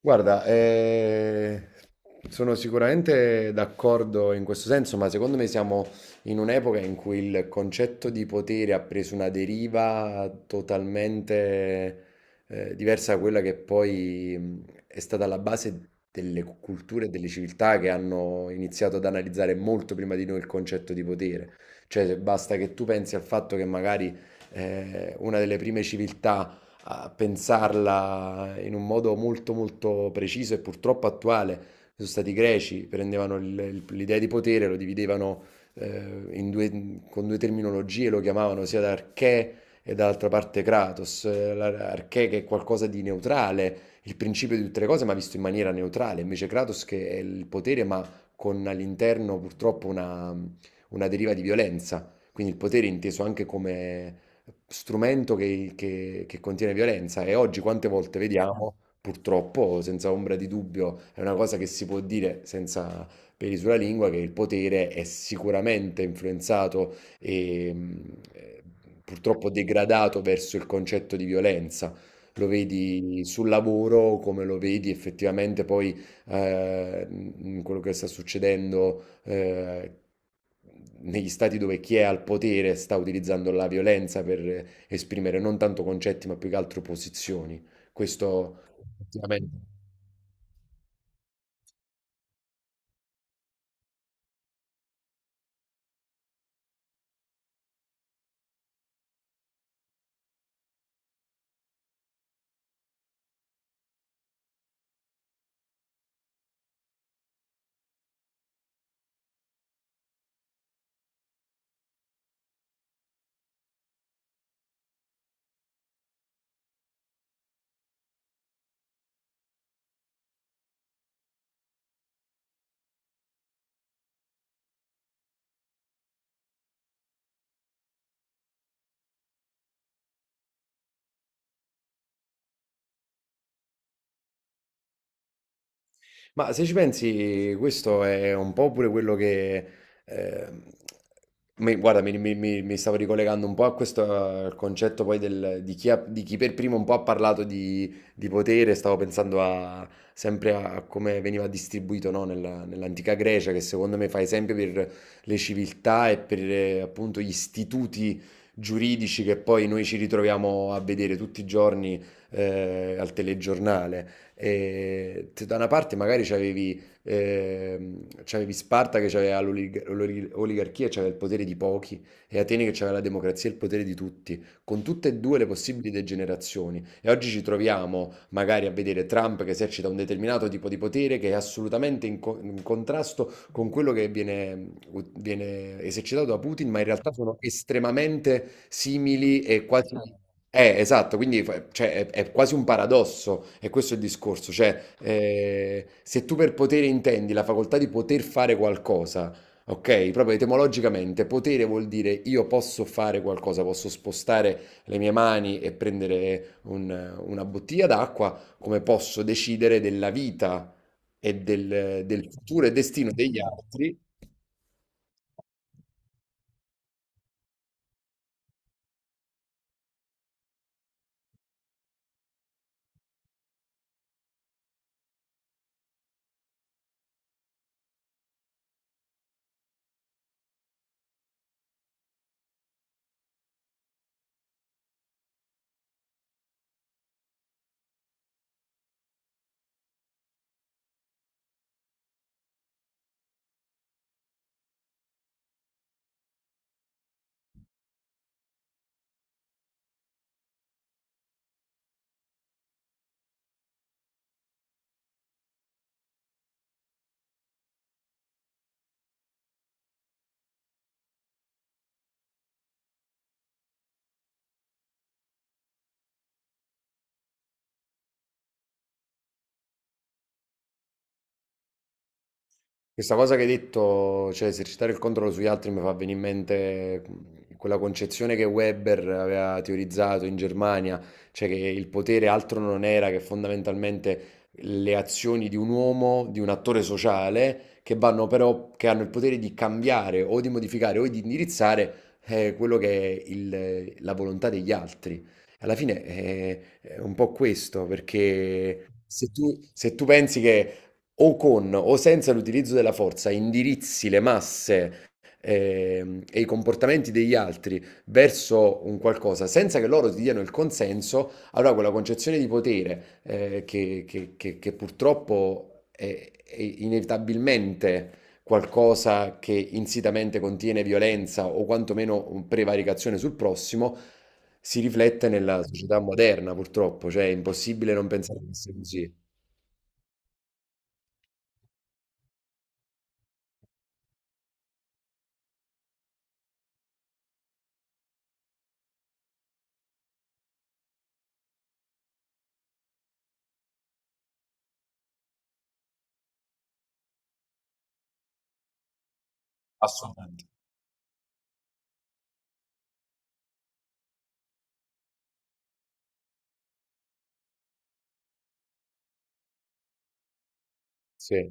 Guarda, sono sicuramente d'accordo in questo senso, ma secondo me siamo in un'epoca in cui il concetto di potere ha preso una deriva totalmente diversa da quella che poi è stata la base delle culture e delle civiltà che hanno iniziato ad analizzare molto prima di noi il concetto di potere. Cioè, basta che tu pensi al fatto che magari una delle prime civiltà a pensarla in un modo molto molto preciso e purtroppo attuale. Sono stati i greci, prendevano l'idea di potere, lo dividevano con due terminologie, lo chiamavano sia da archè e dall'altra parte kratos. Archè che è qualcosa di neutrale, il principio di tutte le cose, ma visto in maniera neutrale, invece kratos che è il potere, ma con all'interno purtroppo una deriva di violenza. Quindi il potere inteso anche come strumento che contiene violenza e oggi quante volte vediamo, purtroppo, senza ombra di dubbio, è una cosa che si può dire senza peli sulla lingua, che il potere è sicuramente influenzato e purtroppo degradato verso il concetto di violenza. Lo vedi sul lavoro, come lo vedi effettivamente poi in quello che sta succedendo negli stati dove chi è al potere sta utilizzando la violenza per esprimere non tanto concetti, ma più che altro posizioni. Questo effettivamente. Ma se ci pensi, questo è un po' pure quello che... ehm, guarda, mi stavo ricollegando un po' a questo al concetto poi di di chi per primo un po' ha parlato di potere, sempre a come veniva distribuito, no, nell'antica Grecia, che secondo me fa esempio per le civiltà e per appunto gli istituti giuridici che poi noi ci ritroviamo a vedere tutti i giorni al telegiornale. E se da una parte magari c'avevi Sparta che aveva l'oligarchia, e c'aveva il potere di pochi, e Atene che aveva la democrazia e il potere di tutti, con tutte e due le possibili degenerazioni. E oggi ci troviamo magari a vedere Trump che esercita un determinato tipo di potere che è assolutamente in contrasto con quello viene esercitato da Putin, ma in realtà sono estremamente simili e quasi esatto, quindi cioè, è quasi un paradosso, e questo è il discorso, cioè se tu per potere intendi la facoltà di poter fare qualcosa, ok? Proprio etimologicamente, potere vuol dire io posso fare qualcosa, posso spostare le mie mani e prendere una bottiglia d'acqua, come posso decidere della vita e del futuro e destino degli altri. Questa cosa che hai detto, cioè esercitare il controllo sugli altri, mi fa venire in mente quella concezione che Weber aveva teorizzato in Germania, cioè che il potere altro non era che fondamentalmente le azioni di un uomo, di un attore sociale, che vanno però, che hanno il potere di cambiare o di modificare o di indirizzare quello che è la volontà degli altri. Alla fine è un po' questo, perché se tu pensi che o con o senza l'utilizzo della forza indirizzi le masse e i comportamenti degli altri verso un qualcosa senza che loro ti diano il consenso, allora quella concezione di potere che purtroppo è inevitabilmente qualcosa che insitamente contiene violenza o quantomeno prevaricazione sul prossimo, si riflette nella società moderna, purtroppo, cioè è impossibile non pensare che sia così. Assolutamente. Sì.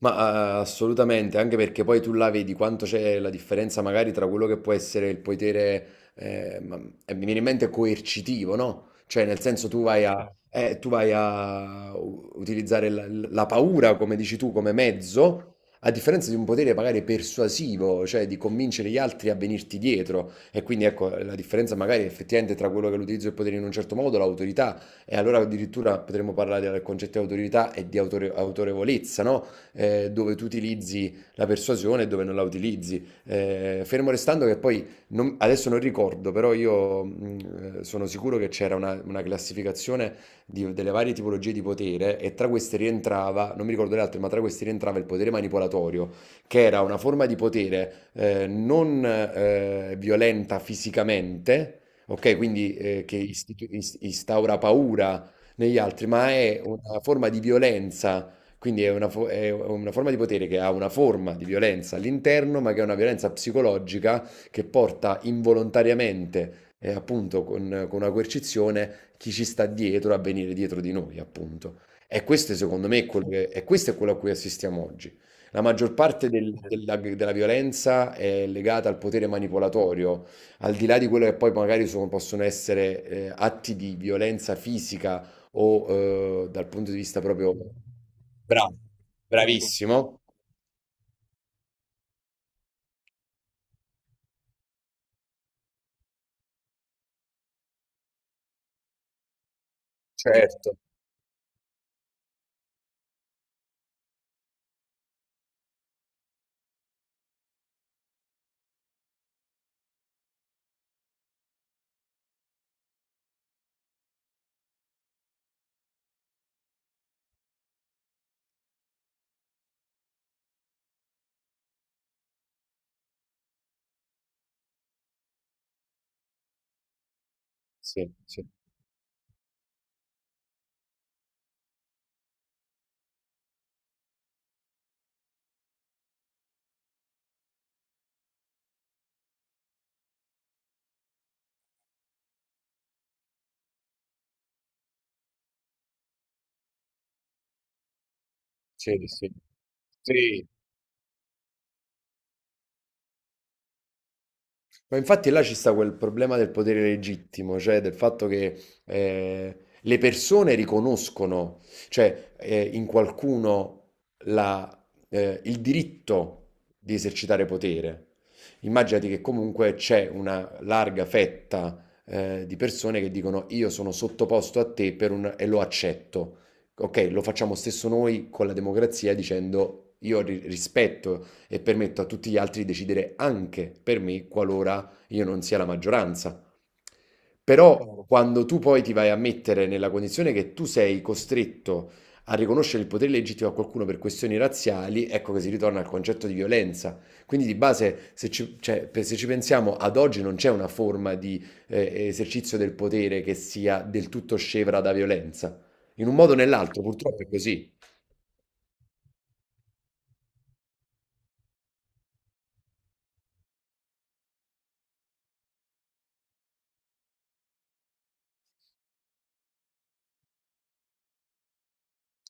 Ma, assolutamente, anche perché poi tu là vedi quanto c'è la differenza magari tra quello che può essere il potere, e mi viene in mente coercitivo, no, cioè nel senso tu vai a. Certo. Tu vai a u utilizzare la paura, come dici tu, come mezzo, a differenza di un potere magari persuasivo, cioè di convincere gli altri a venirti dietro. E quindi ecco, la differenza magari effettivamente tra quello che è l'utilizzo del potere in un certo modo, l'autorità, e allora addirittura potremmo parlare del concetto di autorità e di autorevolezza, no, dove tu utilizzi la persuasione e dove non la utilizzi. Fermo restando che poi, adesso non ricordo, però io sono sicuro che c'era una classificazione delle varie tipologie di potere e tra queste rientrava, non mi ricordo le altre, ma tra queste rientrava il potere manipolatorio, che era una forma di potere non violenta fisicamente. Ok, quindi che instaura paura negli altri, ma è una forma di violenza, quindi è è una forma di potere che ha una forma di violenza all'interno, ma che è una violenza psicologica che porta involontariamente e appunto con una coercizione chi ci sta dietro a venire dietro di noi, appunto. E questo secondo me è quello, questo è quello a cui assistiamo oggi. La maggior parte della violenza è legata al potere manipolatorio, al di là di quello che poi magari possono essere atti di violenza fisica o dal punto di vista proprio. Bravissimo, certo, sì, sì, sì, sì. Sì. Ma infatti là ci sta quel problema del potere legittimo, cioè del fatto che le persone riconoscono, cioè in qualcuno la- il diritto di esercitare potere. Immaginati che comunque c'è una larga fetta di persone che dicono io sono sottoposto a te per e lo accetto. Ok, lo facciamo stesso noi con la democrazia dicendo io rispetto e permetto a tutti gli altri di decidere anche per me qualora io non sia la maggioranza. Però, chiaro, quando tu poi ti vai a mettere nella condizione che tu sei costretto a riconoscere il potere legittimo a qualcuno per questioni razziali, ecco che si ritorna al concetto di violenza. Quindi di base, se ci, cioè, se ci pensiamo, ad oggi non c'è una forma di esercizio del potere che sia del tutto scevra da violenza. In un modo o nell'altro, purtroppo è così.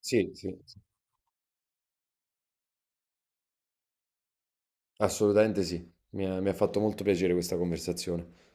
Sì, sì, sì, assolutamente sì. Mi ha fatto molto piacere questa conversazione.